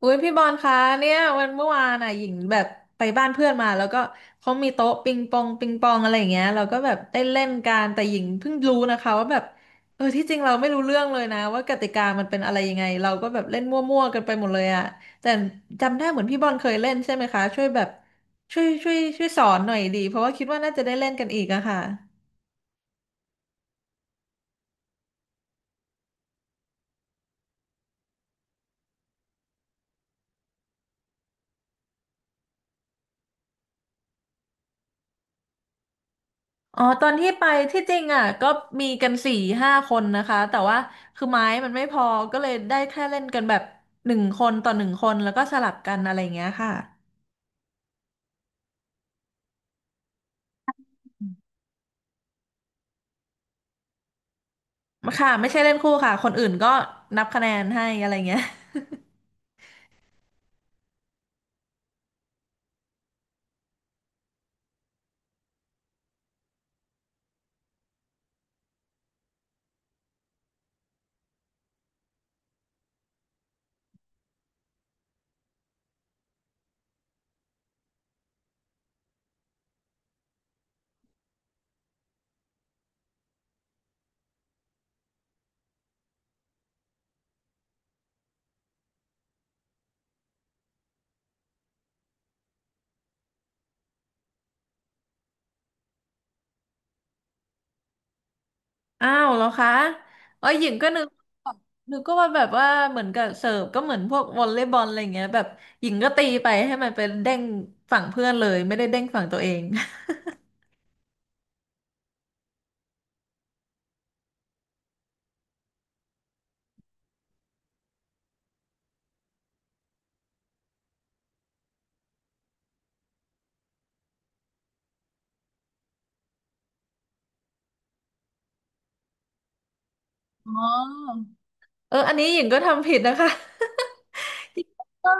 อุ้ยพี่บอลคะเนี่ยวันเมื่อวานอ่ะหญิงแบบไปบ้านเพื่อนมาแล้วก็เขามีโต๊ะปิงปองอะไรอย่างเงี้ยเราก็แบบได้เล่นกันแต่หญิงเพิ่งรู้นะคะว่าแบบเออที่จริงเราไม่รู้เรื่องเลยนะว่ากติกามันเป็นอะไรยังไงเราก็แบบเล่นมั่วๆกันไปหมดเลยอ่ะแต่จำได้เหมือนพี่บอลเคยเล่นใช่ไหมคะช่วยแบบช่วยช่วยช่วยสอนหน่อยดีเพราะว่าคิดว่าน่าจะได้เล่นกันอีกอะค่ะ อ๋อตอนที่ไปที่จริงอ่ะก็มีกัน4-5 คนนะคะแต่ว่าคือไม้มันไม่พอก็เลยได้แค่เล่นกันแบบหนึ่งคนต่อหนึ่งคนแล้วก็สลับกันอะไรอย่างเงี้ยค่ะค่ะไม่ใช่เล่นคู่ค่ะคนอื่นก็นับคะแนนให้อะไรเงี้ย อ้าวแล้วคะเอ๋อหญิงก็นึกก็ว่าแบบว่าเหมือนกับเสิร์ฟก็เหมือนพวกวอลเลย์บอลอะไรเงี้ยแบบหญิงก็ตีไปให้มันเป็นเด้งฝั่งเพื่อนเลยไม่ได้เด้งฝั่งตัวเองอ๋อ เอออันนี้หญิงก็ทำผิดนะคะ ก็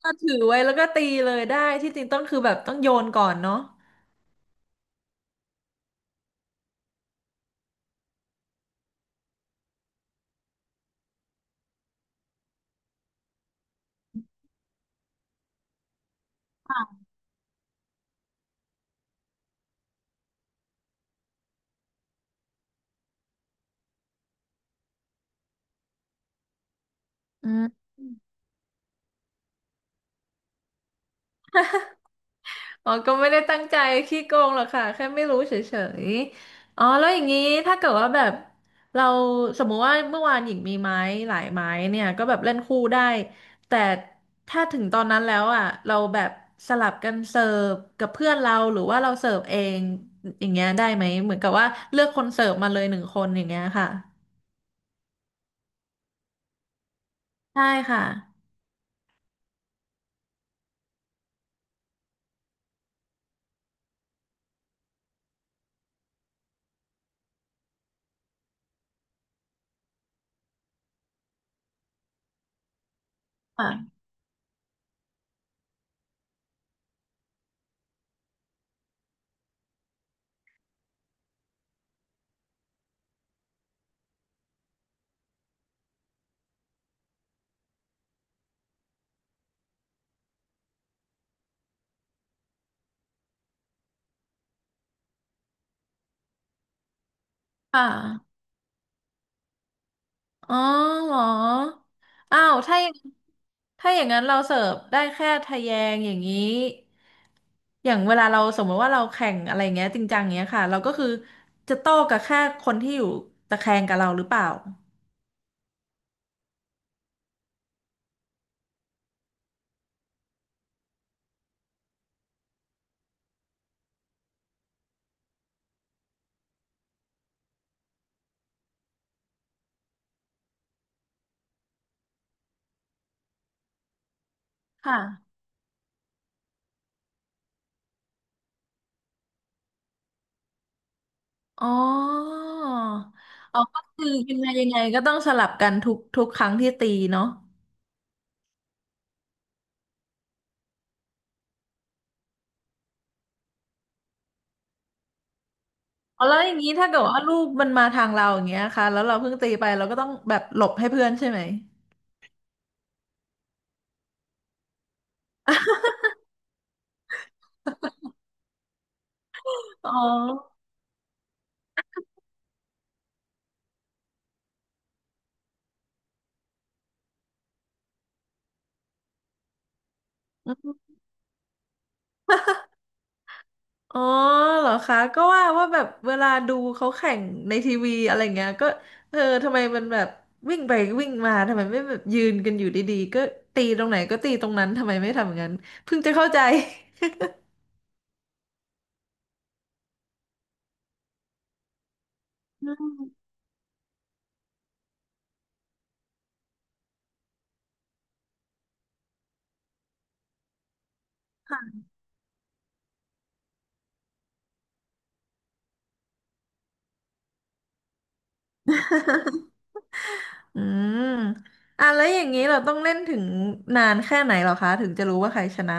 เอาถือไว้แล้วก็ตีเลยได้ที่จริงต้องคือแบบต้องโยนก่อนเนาะอืมอ๋อก็ไม่ได้ตั้งใจขี้โกงหรอกค่ะแค่ไม่รู้เฉยๆอ๋อแล้วอย่างนี้ถ้าเกิดว่าแบบเราสมมุติว่าเมื่อวานหญิงมีไม้หลายไม้เนี่ยก็แบบเล่นคู่ได้แต่ถ้าถึงตอนนั้นแล้วอ่ะเราแบบสลับกันเสิร์ฟกับเพื่อนเราหรือว่าเราเสิร์ฟเองอย่างเงี้ยได้ไหมเหมือนกับว่าเลือกคนเสิร์ฟมาเลยหนึ่งคนอย่างเงี้ยค่ะใชค่ะค่ะค่ะ อ๋อเหรออ้าวถ้าอย่างนั้นเราเสิร์ฟได้แค่ทะแยงอย่างนี้อย่างเวลาเราสมมติว่าเราแข่งอะไรเงี้ยจริงจังเงี้ยค่ะเราก็คือจะโต้กับแค่คนที่อยู่ตะแคงกับเราหรือเปล่าค่ะอ๋ออ๋อก็คือยังไงยังไงก็ต้องสลับกันทุกทุกครั้งที่ตีเนาะอ๋อแล้วอย่างนี้ถ้าเกิดว่าลูกมันมาทางเราอย่างเงี้ยค่ะแล้วเราเพิ่งตีไปเราก็ต้องแบบหลบให้เพื่อนใช่ไหมอ๋อ อ๋อเหรอคะก็ว่าแบบเวลาดูเขาแข่งในทีวีอะไรเงี้ยก็เออทำไมมันแบบวิ่งไปวิ่งมาทำไมไม่แบบยืนกันอยู่ดีๆก็ตีตรงไหนก็ตีตรงนั้นทำไมไม่ทำอย่างนั้นเพิ่งจะเข้าใจอืมค่ะ อืมอ่ะแล้วอย่างนี้เราต้องเล่นถึงนานแค่ไหนเหรอคะถึงจะรู้ว่าใครชนะ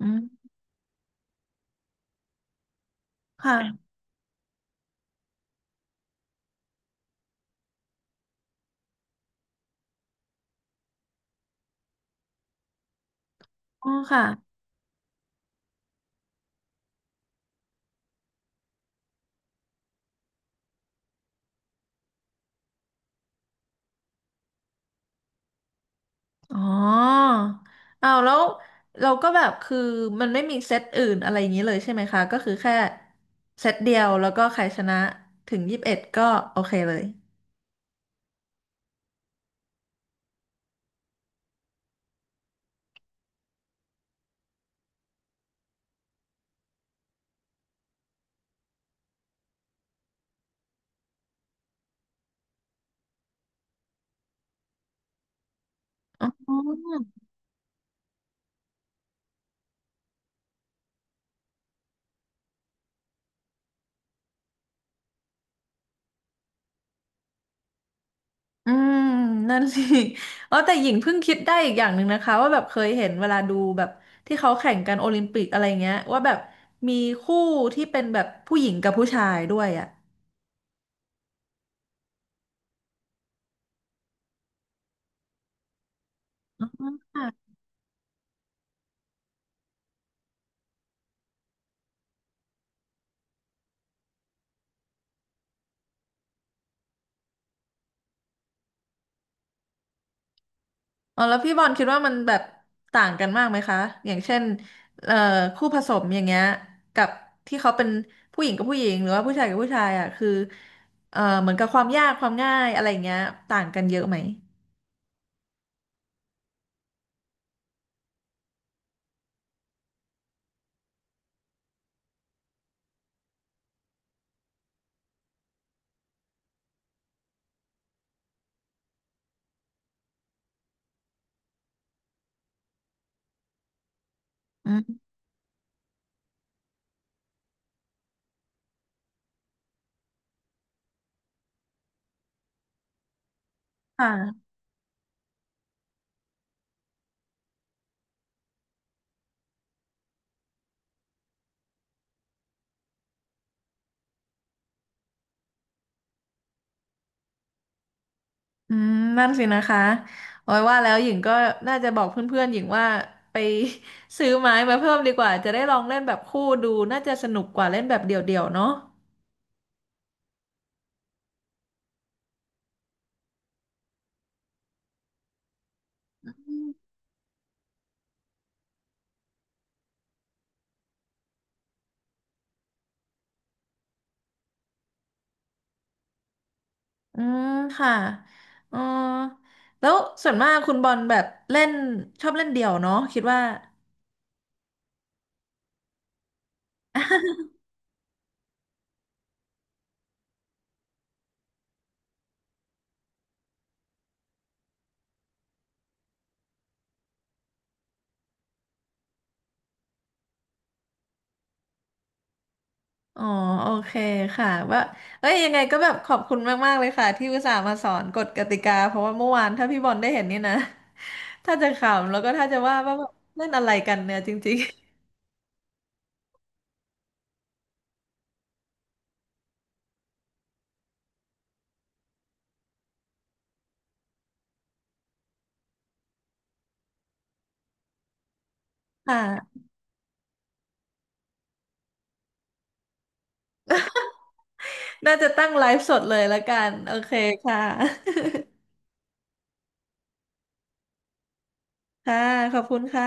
อืมค่ะอ๋อค่ะ อ๋ออ้าวแล้วเราก็แบบคือมันไม่มีเซตอื่นอะไรอย่างนี้เลยใช่ไหมคะก็คือแค่เซตเดียวแล้วก็ใครชนะถึง21ก็โอเคเลยอ๋ออืมนั่นสิ อ๋อแต่หญิงเพิ่งคิดได้อีกอย่างหนึ่งนะคะว่าแบบเคยเห็นเวลาดูแบบที่เขาแข่งกันโอลิมปิกอะไรเงี้ยว่าแบบมีคู่ที่เป็นแบบผู้หญิงกับผู้ชายด้วยอ่ะอ๋อ อ๋อแล้วพี่บอลคิดว่ามันแบบต่างกันมากไหมคะอย่างเช่นเอ่อคู่ผสมอย่างเงี้ยกับที่เขาเป็นผู้หญิงกับผู้หญิงหรือว่าผู้ชายกับผู้ชายอ่ะคือเหมือนกับความยากความง่ายอะไรอย่างเงี้ยต่างกันเยอะไหมอืมค่ะอืมนั่นสินะคะโอ้ยว่าแล้วหญิงก็น่าจะบอกเพื่อนๆหญิงว่าไป ซื้อไม้มาเพิ่มดีกว่าจะได้ลองเล่นแบบคู่ดูน่าจะสนุกกว่าเล่นแบบเดี่ยวๆเนาะ อืมค่ะเออแล้วส่วนมากคุณบอลแบบเล่นชอบเล่นเดี่ยวเนาะคิดว่า อ๋อโอเคค่ะว่าเอ้ยยังไงก็แบบขอบคุณมากๆเลยค่ะที่อุตส่าห์มาสอนกฎกติกาเพราะว่าเมื่อวานถ้าพี่บอลได้เห็นนี่นะ ถ้าจะขำแล้วก็ถ้าจะว่าแบบเล่นอะไรกันเนี่ยจริงๆ ค่ะน่าจะตั้งไลฟ์สดเลยละกันโอเคค่ะ ค่ะขอบคุณค่ะ